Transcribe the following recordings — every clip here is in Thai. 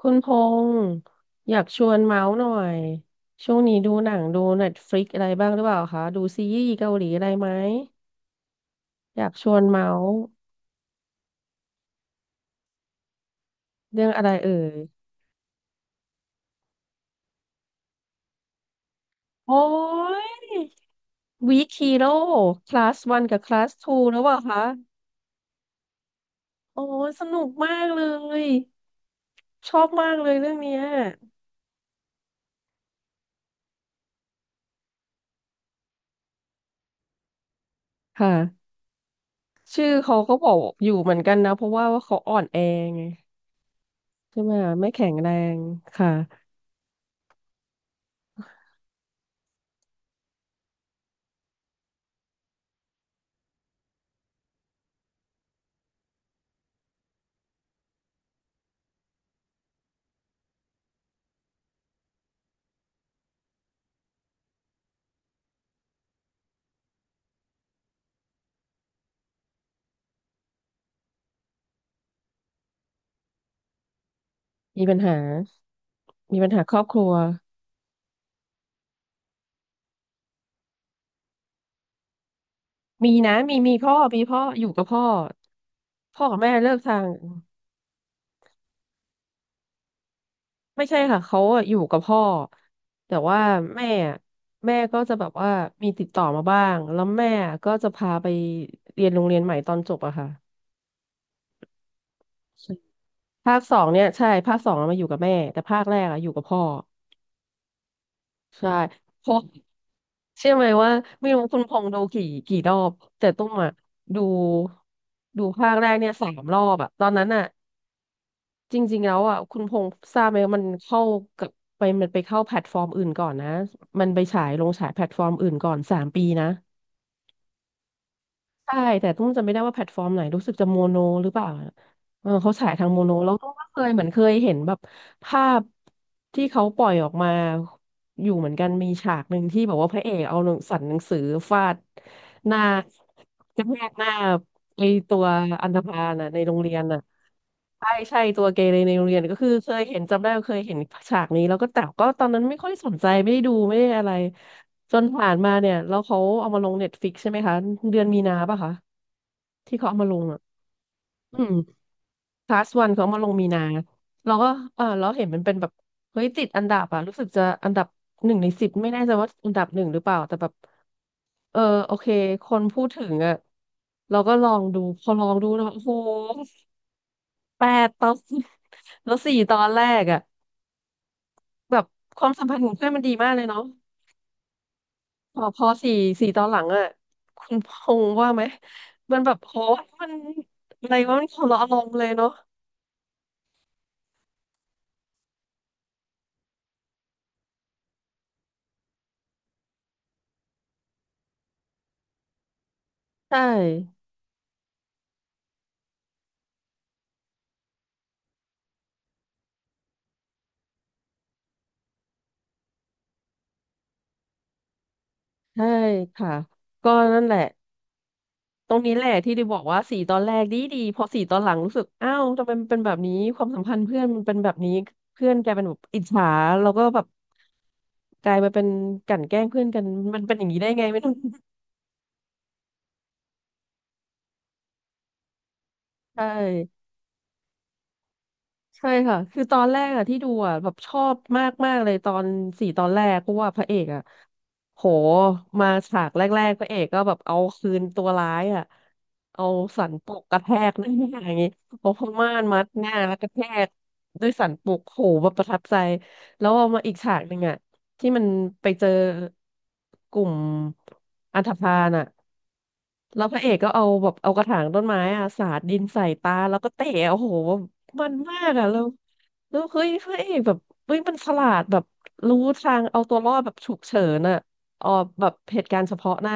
คุณพงษ์อยากชวนเมาส์หน่อยช่วงนี้ดูหนังดู Netflix อะไรบ้างหรือเปล่าคะดูซีรีส์เกาหลีอะไรไหมอยากชวนเมาส์เรื่องอะไรเอ่ยโอ้ยวีคฮีโร่คลาสวันกับคลาสทูแล้วเปล่าคะโอ้ยสนุกมากเลยชอบมากเลยเรื่องเนี้ยค่ะชื่อเขาก็บอกอยู่เหมือนกันนะเพราะว่าว่าเขาอ่อนแอไงใช่ไหมไม่แข็งแรงค่ะมีปัญหามีปัญหาครอบครัว มีนะมีพ่อมีพ่ออยู่กับพ่อพ่อกับแม่เลิกทางไม่ใช่ค่ะเขาอะอยู่กับพ่อแต่ว่าแม่อะแม่ก็จะแบบว่ามีติดต่อมาบ้างแล้วแม่ก็จะพาไปเรียนโรงเรียนใหม่ตอนจบอะค่ะใช่ภาคสองเนี่ยใช่ภาคสองอะมาอยู่กับแม่แต่ภาคแรกอะอยู่กับพ่อใช่เพราะเชื่อไหมว่าไม่รู้คุณพงษ์ดูกี่รอบแต่ตุ้มอะดูดูภาคแรกเนี่ย3 รอบอะตอนนั้นอะ จริงๆแล้วอ่ะคุณพงษ์ทราบไหมว่ามันเข้ากับไปมันไปเข้าแพลตฟอร์มอื่นก่อนนะมันไปฉายแพลตฟอร์มอื่นก่อน3 ปีนะใช่แต่ต้องจำไม่ได้ว่าแพลตฟอร์มไหนรู้สึกจะโมโนหรือเปล่าเออเขาฉายทางโมโนแล้วต้องก็เคยเห็นแบบภาพที่เขาปล่อยออกมาอยู่เหมือนกันมีฉากหนึ่งที่แบบว่าพระเอกเอาหนังสันหนังสือฟาดหน้ากระแทกหน้าไอตัวอันธพาลน่ะในโรงเรียนน่ะ ใช่ใช่ตัวเกเรในโรงเรียนก็คือเคยเห็นจำได้ว่าเคยเห็นฉากนี้แล้วก็แต่ก็ตอนนั้นไม่ค่อยสนใจไม่ได้ดูไม่ได้อะไรจนผ่านมาเนี่ยแล้วเขาเอามาลงเน็ตฟ i ิกใช่ไหมคะเดือนมีนาป่ะคะที่เขาเอามาลงอ่ะอืมคลาสวันเขาเอามาลงมีนาเราก็เออเราเห็นมันเป็นแบบเฮ้ยติดอันดับอ่ะรู้สึกจะอันดับ1 ใน 10ไม่แน่ใจว่าอันดับหนึ่งหรือเปล่าแต่แบบเออโอเคคนพูดถึงอ่ะเราก็ลองดูพอลองดูแล้วโอ้โห8 ตอน แล้ว4 ตอนแรกอ่ะ แบบความสัมพันธ์ของเพื่อนมันดีมากเลยเนาะพอสี่ตอนหลังอ่ะคุณพงษ์ว่าไหมมันแบบโหมันอะไรวะมันคนละอารมณ์เลยเนาะใช่ใช่ค่ะก็นั่นแหละตรงนี้แหละที่ได้บอกว่าสี่ตอนแรกดีดีพอสี่ตอนหลังรู้สึกอ้าวทำไมมันเป็นแบบนี้ความสัมพันธ์เพื่อนมันเป็นแบบนี้เพื่อนแกลายเป็นแบบอิจฉาแล้วก็แบบกลายมาเป็นกลั่นแกล้งเพื่อนกันมันเป็นอย่างนี้ได้ไงไม่รู้ ใช่ ใช่ค่ะ คือตอนแรกอะที่ดูอะแบบชอบมากมากเลยตอนสี่ตอนแรกเพราะว่าพระเอกอะโหมาฉากแรกๆพระเอกก็แบบเอาคืนตัวร้ายอะเอาสันปกกระแทกหน้าอย่างงี้เอาผ้าม่านมัดหน้าแล้วกระแทกด้วยสันปกโหแบบประทับใจแล้วเอามาอีกฉากหนึ่งอะ ที่มันไปเจอกลุ่มอันธพาลอะแล้วพระเอกก็เอาแบบเอากระถางต้นไม้อะสาดดินใส่ตา แล้วก็เตะโอ้โหมันมากอะแล้วแล้วเฮ้ยพระเอกแบบเฮ้ยมันฉลาดแบบรู้ทางเอาตัวรอดแบบฉุกเฉินอะออกแบบเหตุการณ์เฉพาะหน้า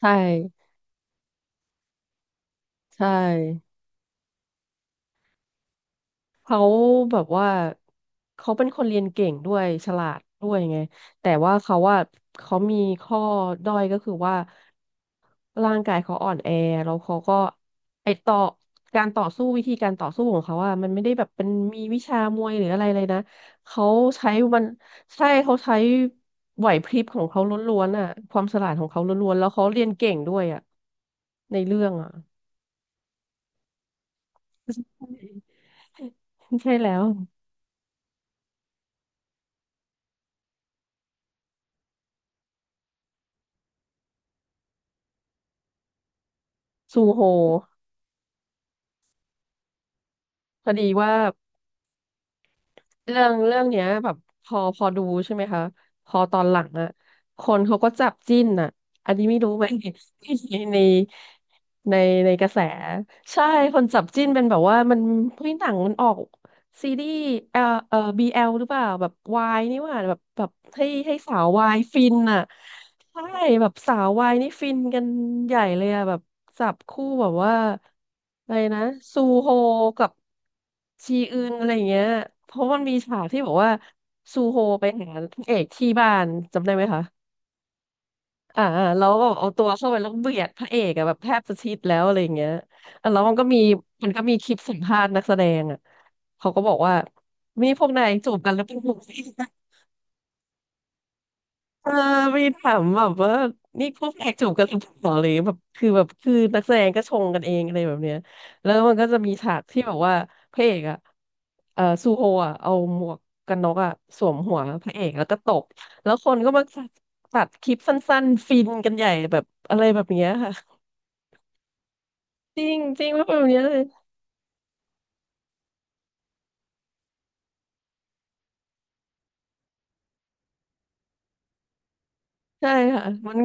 ใช่ ใช่ เขาแบบว่าเขาเป็นคนเรียนเก่งด้วยฉลาดด้วยไงแต่ว่าเขาว่าเขามีข้อด้อยก็คือว่าร่างกายเขาอ่อนแอแล้วเขาก็ไอต่อการต่อสู้วิธีการต่อสู้ของเขาอะมันไม่ได้แบบเป็นมีวิชามวยหรืออะไรเลยนะเขาใช้มันใช่เขาใช้ไหวพริบของเขาล้วนๆอะความฉลาดของเขาล้วนๆแล้วเขาเรียนเก่งด้วยอะในเรื่องอะ ใช่แล้วซูโฮ พอดีว่าเรื่องเนี้ยแบบพอดูใช่ไหมคะพอตอนหลังอะคนเขาก็จับจิ้นอะอันนี้ไม่รู้ไหม ในในในในกระแสใช่คนจับจิ้นเป็นแบบว่ามันเฮ้ยหนังมันออก ซีรีส์เอ่อบีเอลหรือเปล่าแบบวายนี่หว่าแบบให้สาววายฟินอ่ะใช่แบบสาววายนี่ฟินกันใหญ่เลยอ่ะแบบจับคู่แบบว่าอะไรนะซูโฮกับชีอึนอะไรอย่างเงี้ยเพราะมันมีฉากที่บอกว่าซูโฮไปหานางเอกที่บ้านจำได้ไหมคะ แล้วแบบเอาตัวเข้าไปแล้วเบียดพระเอกอะแบบแทบจะชิดแล้วอะไรอย่างเงี้ยอ่ะแล้วมันก็มีคลิปสัมภาษณ์นักแสดงอะเขาก็บอกว่ามีพวกนายจูบกันหรือเปล่า เออมีถามแบบว่านี่ควกแขกงจูบกันหรือเปล่าอะไรอย่างเลยแบบคือนักแสดงก็ชงกันเองอะไรแบบเนี้ยแล้วมันก็จะมีฉากที่แบบว่าพระเอกอ่ะเออซูโฮอ่ะเอาหมวกกันน็อกอ่ะสวมหัวพระเอกแล้วก็ตบแล้วคนก็มาตัดตัดคลิปสั้นๆฟินกันใหญ่แบบอะไรแบบเนี้ยค่ะจริงจริงว่าแบบเนี้ย ใช่ค่ะมัน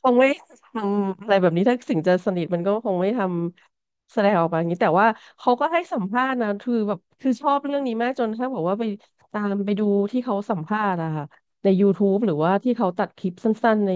คงไม่ทำอะไรแบบนี้ถ้าถึงจะสนิทมันก็คงไม่ทำแสดงออกมาอย่างนี้แต่ว่าเขาก็ให้สัมภาษณ์นะคือแบบคือชอบเรื่องนี้มากจนถ้าบอกว่าไปตามไปดูที่เขาสัมภาษณ์อะค่ะใน YouTube หรือว่าที่เขาตัดคลิปสั้นๆ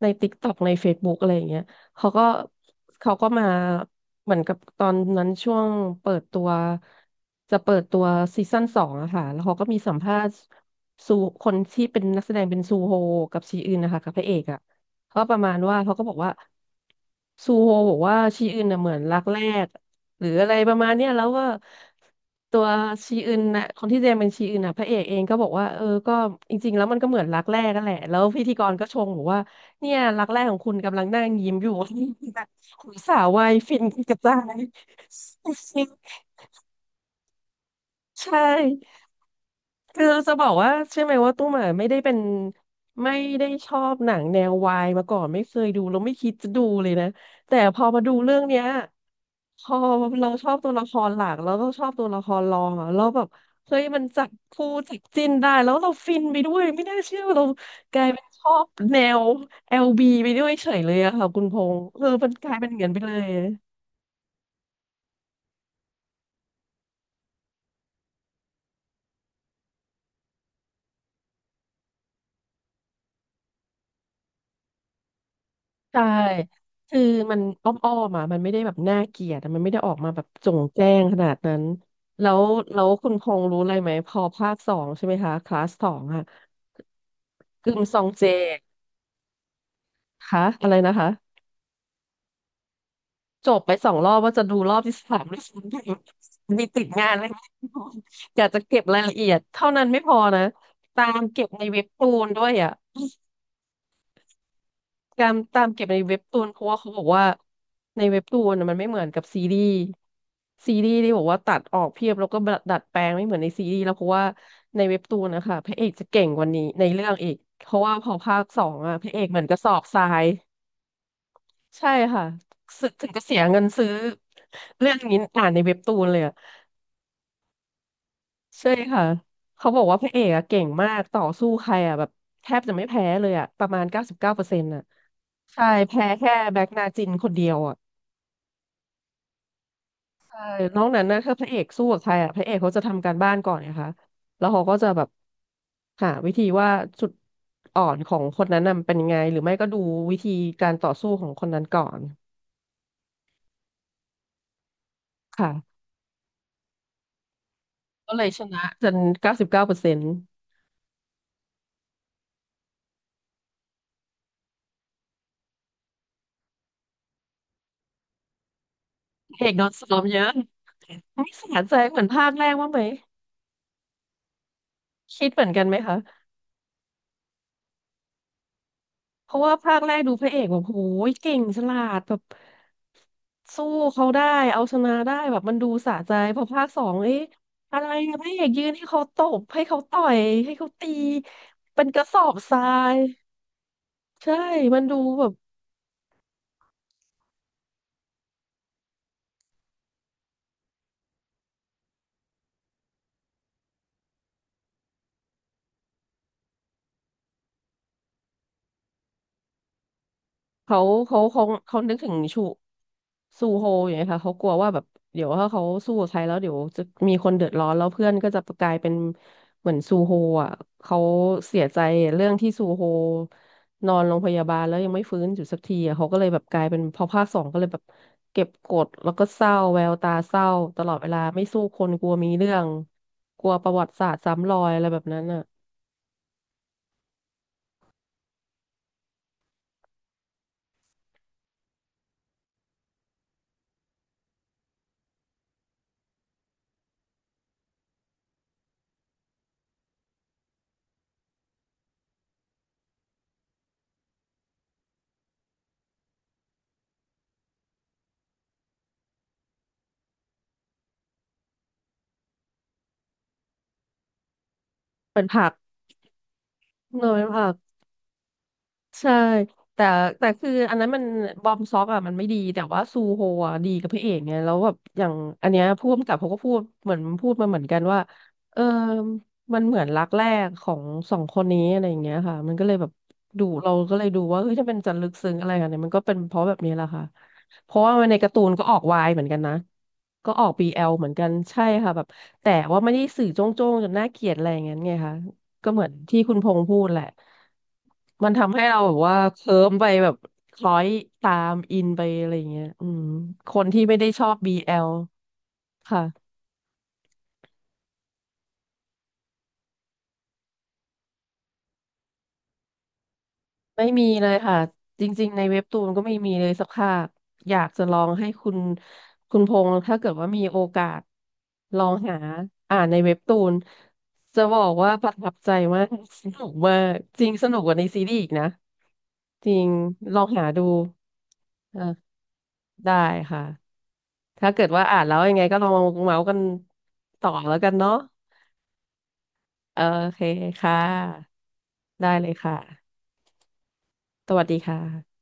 ใน TikTok ใน Facebook อะไรอย่างเงี้ยเขาก็เขาก็มาเหมือนกับตอนนั้นช่วงเปิดตัวจะเปิดตัวซีซั่นสองอะค่ะแล้วเขาก็มีสัมภาษณ์ ซูคนที่เป็นนักแสดงเป็นซูโฮกับชีอึนนะคะกับพระเอกอ่ะเขาก็ประมาณว่าเขาก็บอกว่าซูโฮบอกว่าชีอึนน่ะเหมือนรักแรกหรืออะไรประมาณเนี้ยแล้วก็ตัวชีอึนน่ะคนที่แสดงเป็นชีอึนน่ะพระเอกเองก็บอกว่าเออก็จริงๆแล้วมันก็เหมือนรักแรกนั่นแหละแล้วพิธีกรก็ชงบอกว่าเนี่ยรักแรกของคุณกำลังนั่งยิ้มอยู่ คุณสาววายฟินกระจาย ใช่ คือจะบอกว่าใช่ไหมว่าตุ้มอ่ะไม่ได้ชอบหนังแนววายมาก่อนไม่เคยดูแล้วไม่คิดจะดูเลยนะแต่พอมาดูเรื่องเนี้ยพอเราชอบตัวละครหลักแล้วก็ชอบตัวละครรองอ่ะแล้วแบบเฮ้ยมันจับคู่จับจิ้นได้แล้วเราฟินไปด้วยไม่น่าเชื่อว่าเรากลายเป็นชอบแนว LB ไปด้วยเฉยเลยอะค่ะคุณพงษ์เออมันกลายเป็นเงินไปเลย ใช่ คือมันอ้อมอ้อมอ่ะมันไม่ได้แบบน่าเกลียดอะมันไม่ได้ออกมาแบบโจ่งแจ้งขนาดนั้น แล้วแล้วคุณพงษ์รู้อะไรไหมพอภาคสองใช่ไหมคะคลาสสองอ่ะกึมซองเจคะอะไรนะคะจบไปสองรอบว่าจะดูรอบที่สามด้วยซ้ำ ไปมีติดงานอะไรไหมรู้อยากจะเก็บรายละเอียดเท่านั้นไม่พอนะตามเก็บในเว็บตูนด้วยอ่ะ การตามเก็บในเว็บตูนเพราะว่าเขาบอกว่าในเว็บตูนน่ะมันไม่เหมือนกับซีรีส์ซีรีส์ที่บอกว่าตัดออกเพียบแล้วก็ดัดแปลงไม่เหมือนในซีรีส์แล้วเพราะว่าในเว็บตูนนะคะพระเอกจะเก่งกว่านี้ในเรื่องอีกเพราะว่าพอภาคสองอะพระเอกเหมือนกระสอบทรายใช่ค่ะซึถึงจะเสียเงินซื้อเรื่องนี้อ่านในเว็บตูนเลยอะใช่ค่ะเขาบอกว่าพระเอกอะเก่งมากต่อสู้ใครอะแบบแทบจะไม่แพ้เลยอะประมาณเก้าสิบเก้าเปอร์เซ็นต์อะใช่แพ้แค่แบ็กนาจินคนเดียวอะ ใช่นอกนั้นนะถ้าพระเอกสู้กับใครอ่ะพระเอกเขาจะทำการบ้านก่อนไงคะแล้วเขาก็จะแบบหาวิธีว่าจุดอ่อนของคนนั้นน่ะมันเป็นยังไงหรือไม่ก็ดูวิธีการต่อสู้ของคนนั้นก่อนค่ะก็เลยชนะจนเก้าสิบเก้าเปอร์เซ็นต์เอกโดนซ้อมเยอะ นี่สะใจเหมือนภาคแรกว่างไหมคิดเหมือนกันไหมคะ เพราะว่าภาคแรกดูพระเอกแบบโหยเก่งฉลาดแบบสู้เขาได้เอาชนะได้แบบมันดูสะใจพอภาคสองเอ๊ะอะไรอะพระเอกยืนให้เขาตบให้เขาต่อยให้เขาตีเป็นกระสอบทรายใช่มันดูแบบ เขาเขาเขาเขานึกถึงชูซูโฮอย่างเงี้ยค่ะเขากลัวว่าแบบเดี๋ยวถ้าเขาสู้กับใครแล้วเดี๋ยวจะมีคนเดือดร้อนแล้วเพื่อนก็จะกลายเป็นเหมือนซูโฮอ่ะเขาเสียใจเรื่องที่ซูโฮนอนโรงพยาบาลแล้วยังไม่ฟื้นอยู่สักทีอะเขาก็เลยแบบกลายเป็นพอภาคสองก็เลยแบบเก็บกดแล้วก็เศร้าแววตาเศร้าตลอดเวลาไม่สู้คนกลัวมีเรื่องกลัวประวัติศาสตร์ซ้ำรอยอะไรแบบนั้นอ่ะเป็นผักเนยเป็นผัก ใช่แต่แต่คืออันนั้นมันบอมซ็อกอ่ะมันไม่ดีแต่ว่าซูโฮอ่ะดีกับพระเอกไงแล้วแบบอย่างอันเนี้ยผู้กำกับเขาก็พูดเหมือนพูดมาเหมือนกันว่าเออมันเหมือนรักแรกของสองคนนี้อะไรอย่างเงี้ยค่ะมันก็เลยแบบดูเราก็เลยดูว่าเฮ้ยถ้าเป็นจะลึกซึ้งอะไรกันเนี่ยมันก็เป็นเพราะแบบนี้แหละค่ะเพราะว่าในการ์ตูนก็ออกวายเหมือนกันนะก็ออก BL เหมือนกันใช่ค่ะแบบแต่ว่าไม่ได้สื่อโจ้งๆจนน่าเกลียดอะไรอย่างเงี้ยไงคะ ก็เหมือนที่คุณพงษ์พูดแหละมันทำให้เราแบบว่าเคลิ้มไปแบบคล้อยตามอินไปอะไรอย่างเงี้ยอืมคนที่ไม่ได้ชอบ BL ค่ะไม่มีเลยค่ะจริงๆในเว็บตูนก็ไม่มีเลยสักภาคอยากจะลองให้คุณคุณพงษ์ถ้าเกิดว่ามีโอกาสลองหาอ่านในเว็บตูนจะบอกว่าประทับใจมาก สนุกมากจริงสนุกกว่าในซีรีส์อีกนะจริงลองหาดูอ่ะได้ค่ะ ถ้าเกิดว่าอ่านแล้วยังไงก็ลองมาเมาส์กันต่อแล้วกันเนาะเออโอเคค่ะได้เลยค่ะสวัสดีค่ะ